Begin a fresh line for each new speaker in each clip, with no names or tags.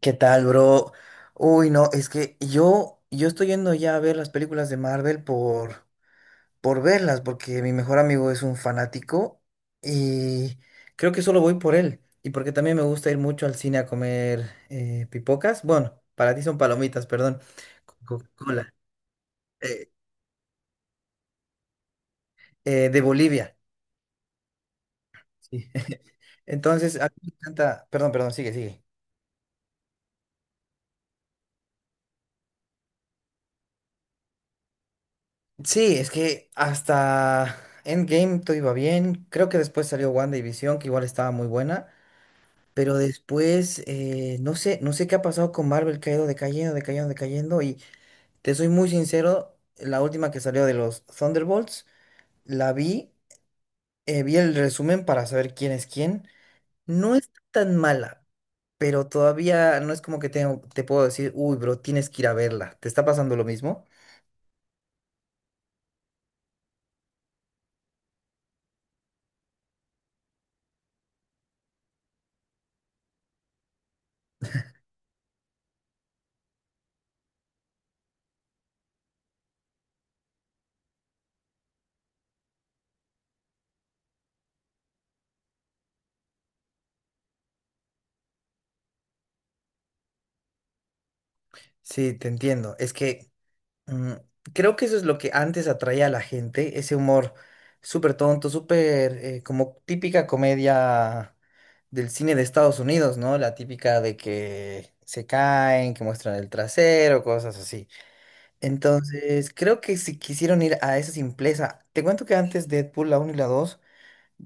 ¿Qué tal, bro? Uy, no, es que yo estoy yendo ya a ver las películas de Marvel por verlas, porque mi mejor amigo es un fanático y creo que solo voy por él. Y porque también me gusta ir mucho al cine a comer pipocas. Bueno, para ti son palomitas, perdón. Coca-Cola. eh, de Bolivia. Sí. Entonces, a mí me encanta. Perdón, perdón, sigue, sigue. Sí, es que hasta Endgame todo iba bien. Creo que después salió WandaVision, que igual estaba muy buena. Pero después, no sé, no sé qué ha pasado con Marvel, que ha ido decayendo, decayendo, decayendo. Y te soy muy sincero, la última que salió de los Thunderbolts, la vi, vi el resumen para saber quién es quién. No es tan mala, pero todavía no es como que tengo, te puedo decir, uy, bro, tienes que ir a verla. ¿Te está pasando lo mismo? Sí, te entiendo. Mm, Creo que eso es lo que antes atraía a la gente, ese humor súper tonto, súper como típica comedia del cine de Estados Unidos, ¿no? La típica de que se caen, que muestran el trasero, cosas así. Entonces, creo que si quisieron ir a esa simpleza, te cuento que antes Deadpool, la uno y la 2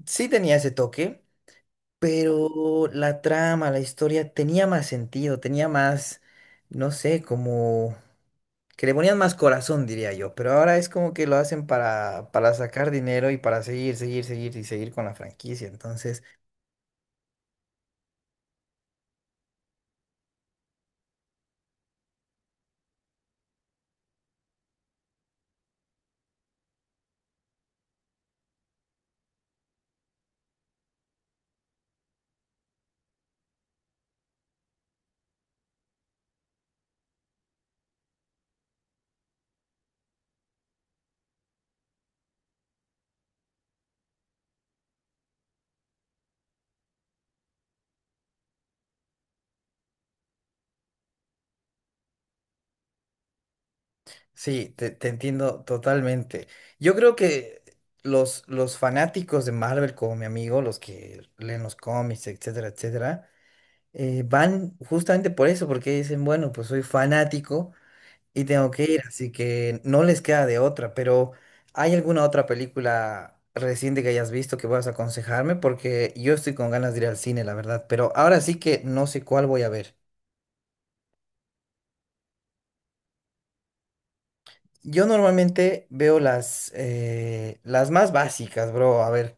sí tenía ese toque, pero la trama, la historia tenía más sentido, tenía más, no sé, como que le ponían más corazón, diría yo, pero ahora es como que lo hacen para sacar dinero y para seguir, seguir, seguir y seguir con la franquicia. Entonces, sí, te entiendo totalmente. Yo creo que los fanáticos de Marvel, como mi amigo, los que leen los cómics, etcétera, etcétera, van justamente por eso, porque dicen, bueno, pues soy fanático. Y tengo que ir, así que no les queda de otra, pero ¿hay alguna otra película reciente que hayas visto que puedas aconsejarme? Porque yo estoy con ganas de ir al cine, la verdad, pero ahora sí que no sé cuál voy a ver. Yo normalmente veo las más básicas, bro. A ver,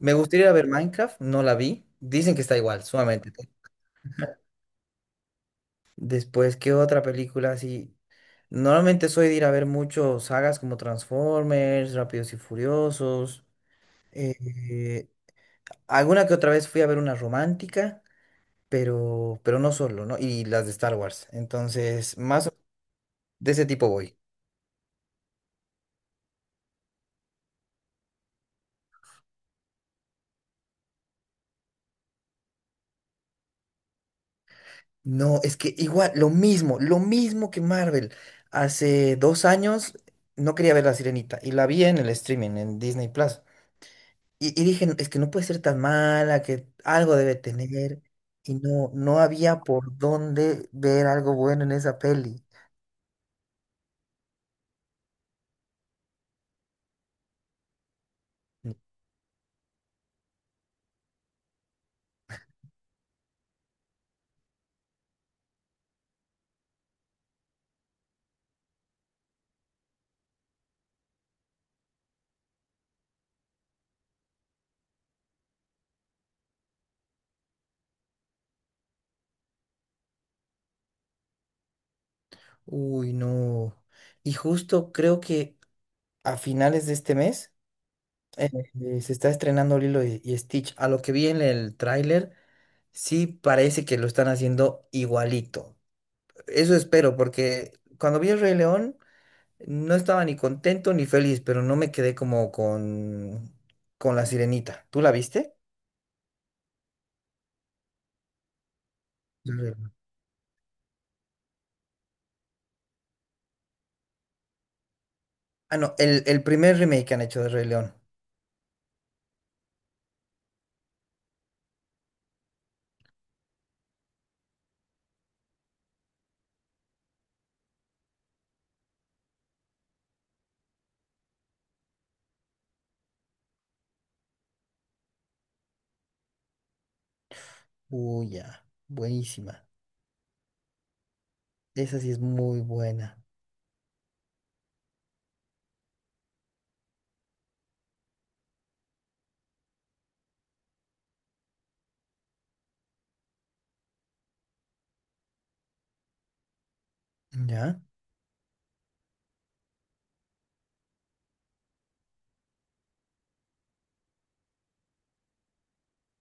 me gustaría ir a ver Minecraft, no la vi. Dicen que está igual, sumamente. Después, ¿qué otra película así? Normalmente soy de ir a ver muchos sagas como Transformers, Rápidos y Furiosos. eh, Alguna que otra vez fui a ver una romántica, pero no solo, ¿no? Y las de Star Wars. Entonces, más de ese tipo voy. No, es que igual, lo mismo que Marvel. Hace dos años no quería ver La Sirenita y la vi en el streaming, en Disney Plus. Y dije, "No, es que no puede ser tan mala, que algo debe tener". Y no, no había por dónde ver algo bueno en esa peli. Uy, no. Y justo creo que a finales de este mes. Se está estrenando Lilo y Stitch. A lo que vi en el tráiler, sí parece que lo están haciendo igualito. Eso espero, porque cuando vi el Rey León, no estaba ni contento ni feliz, pero no me quedé como con la Sirenita. ¿Tú la viste? El Rey León. Ah, no, el primer remake que han hecho de Rey León. Uy, ya, buenísima. Esa sí es muy buena. ¿Ya?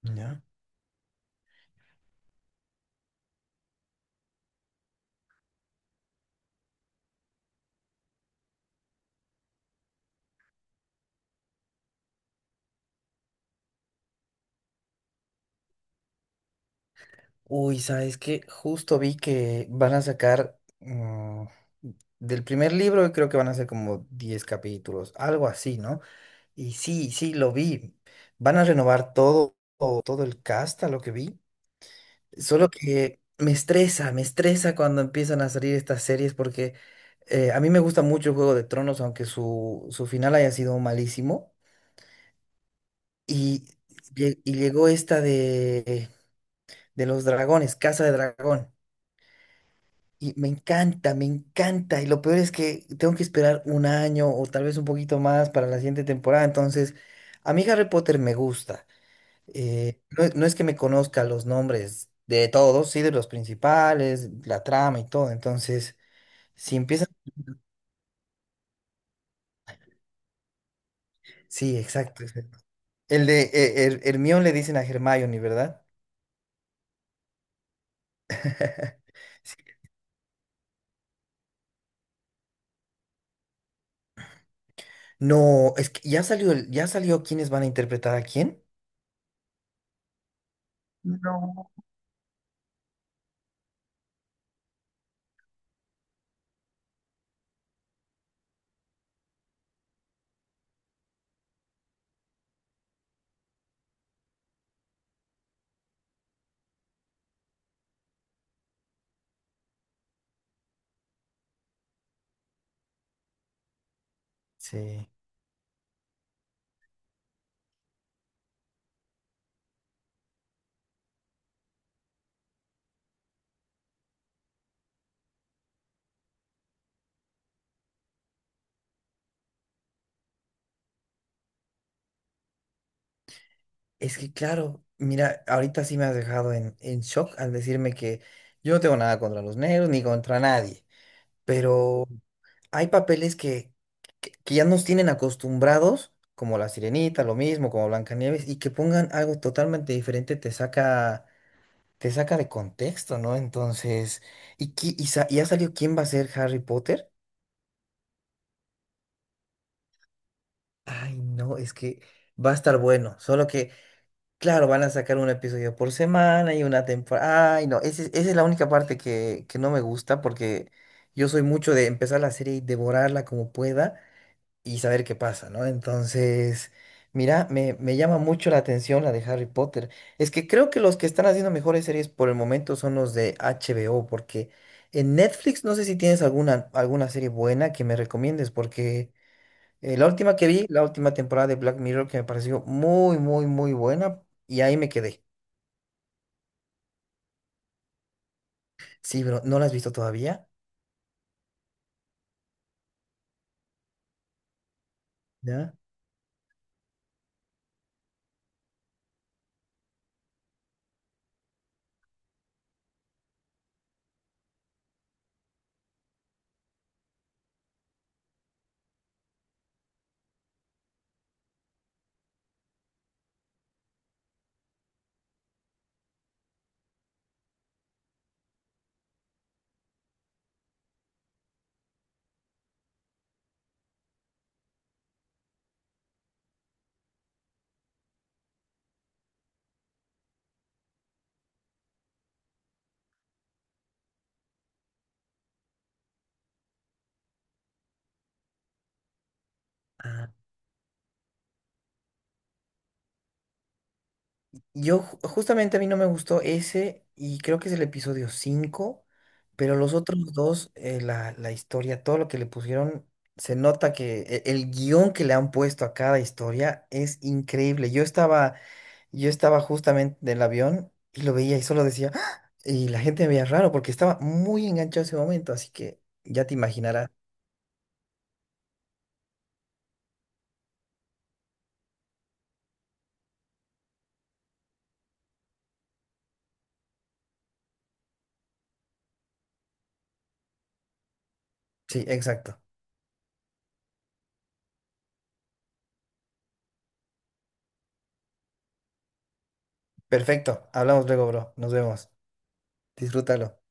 ¿Ya? Uy, ¿sabes qué? Justo vi que van a sacar del primer libro, creo que van a ser como 10 capítulos, algo así, ¿no? Y sí, sí, lo vi. Van a renovar todo, todo el cast, a lo que vi. Solo que me estresa cuando empiezan a salir estas series porque a mí me gusta mucho Juego de Tronos, aunque su final haya sido malísimo. Y, y llegó esta de los dragones, Casa de Dragón. Y me encanta, me encanta. Y lo peor es que tengo que esperar un año o tal vez un poquito más para la siguiente temporada. Entonces, a mí Harry Potter me gusta. No, es no es que me conozca los nombres de todos, sí, de los principales, la trama y todo. Entonces, si empieza... Sí, exacto, exacto. El de Hermione le dicen a Hermione, ¿verdad? No, es que ya salió, ya salió quiénes van a interpretar a quién. Sí. Es que claro, mira, ahorita sí me has dejado en shock al decirme que yo no tengo nada contra los negros ni contra nadie, pero hay papeles que ya nos tienen acostumbrados, como La Sirenita, lo mismo, como Blancanieves, y que pongan algo totalmente diferente te saca de contexto, ¿no? Entonces, ¿y ya salió quién va a ser Harry Potter? Ay, no, es que va a estar bueno, solo que claro, van a sacar un episodio por semana y una temporada. Ay, no, esa es la única parte que no me gusta porque yo soy mucho de empezar la serie y devorarla como pueda y saber qué pasa, ¿no? Entonces, mira, me llama mucho la atención la de Harry Potter. Es que creo que los que están haciendo mejores series por el momento son los de HBO porque en Netflix no sé si tienes alguna, alguna serie buena que me recomiendes porque... la última que vi, la última temporada de Black Mirror que me pareció muy, muy, muy buena y ahí me quedé. Sí, pero ¿no la has visto todavía? ¿Ya? Ah, justamente a mí no me gustó ese y creo que es el episodio 5, pero los otros dos, la, la historia, todo lo que le pusieron, se nota que el guión que le han puesto a cada historia es increíble. Yo estaba justamente en el avión y lo veía y solo decía, "¡Ah!", y la gente me veía raro porque estaba muy enganchado ese momento, así que ya te imaginarás. Sí, exacto. Perfecto. Hablamos luego, bro. Nos vemos. Disfrútalo.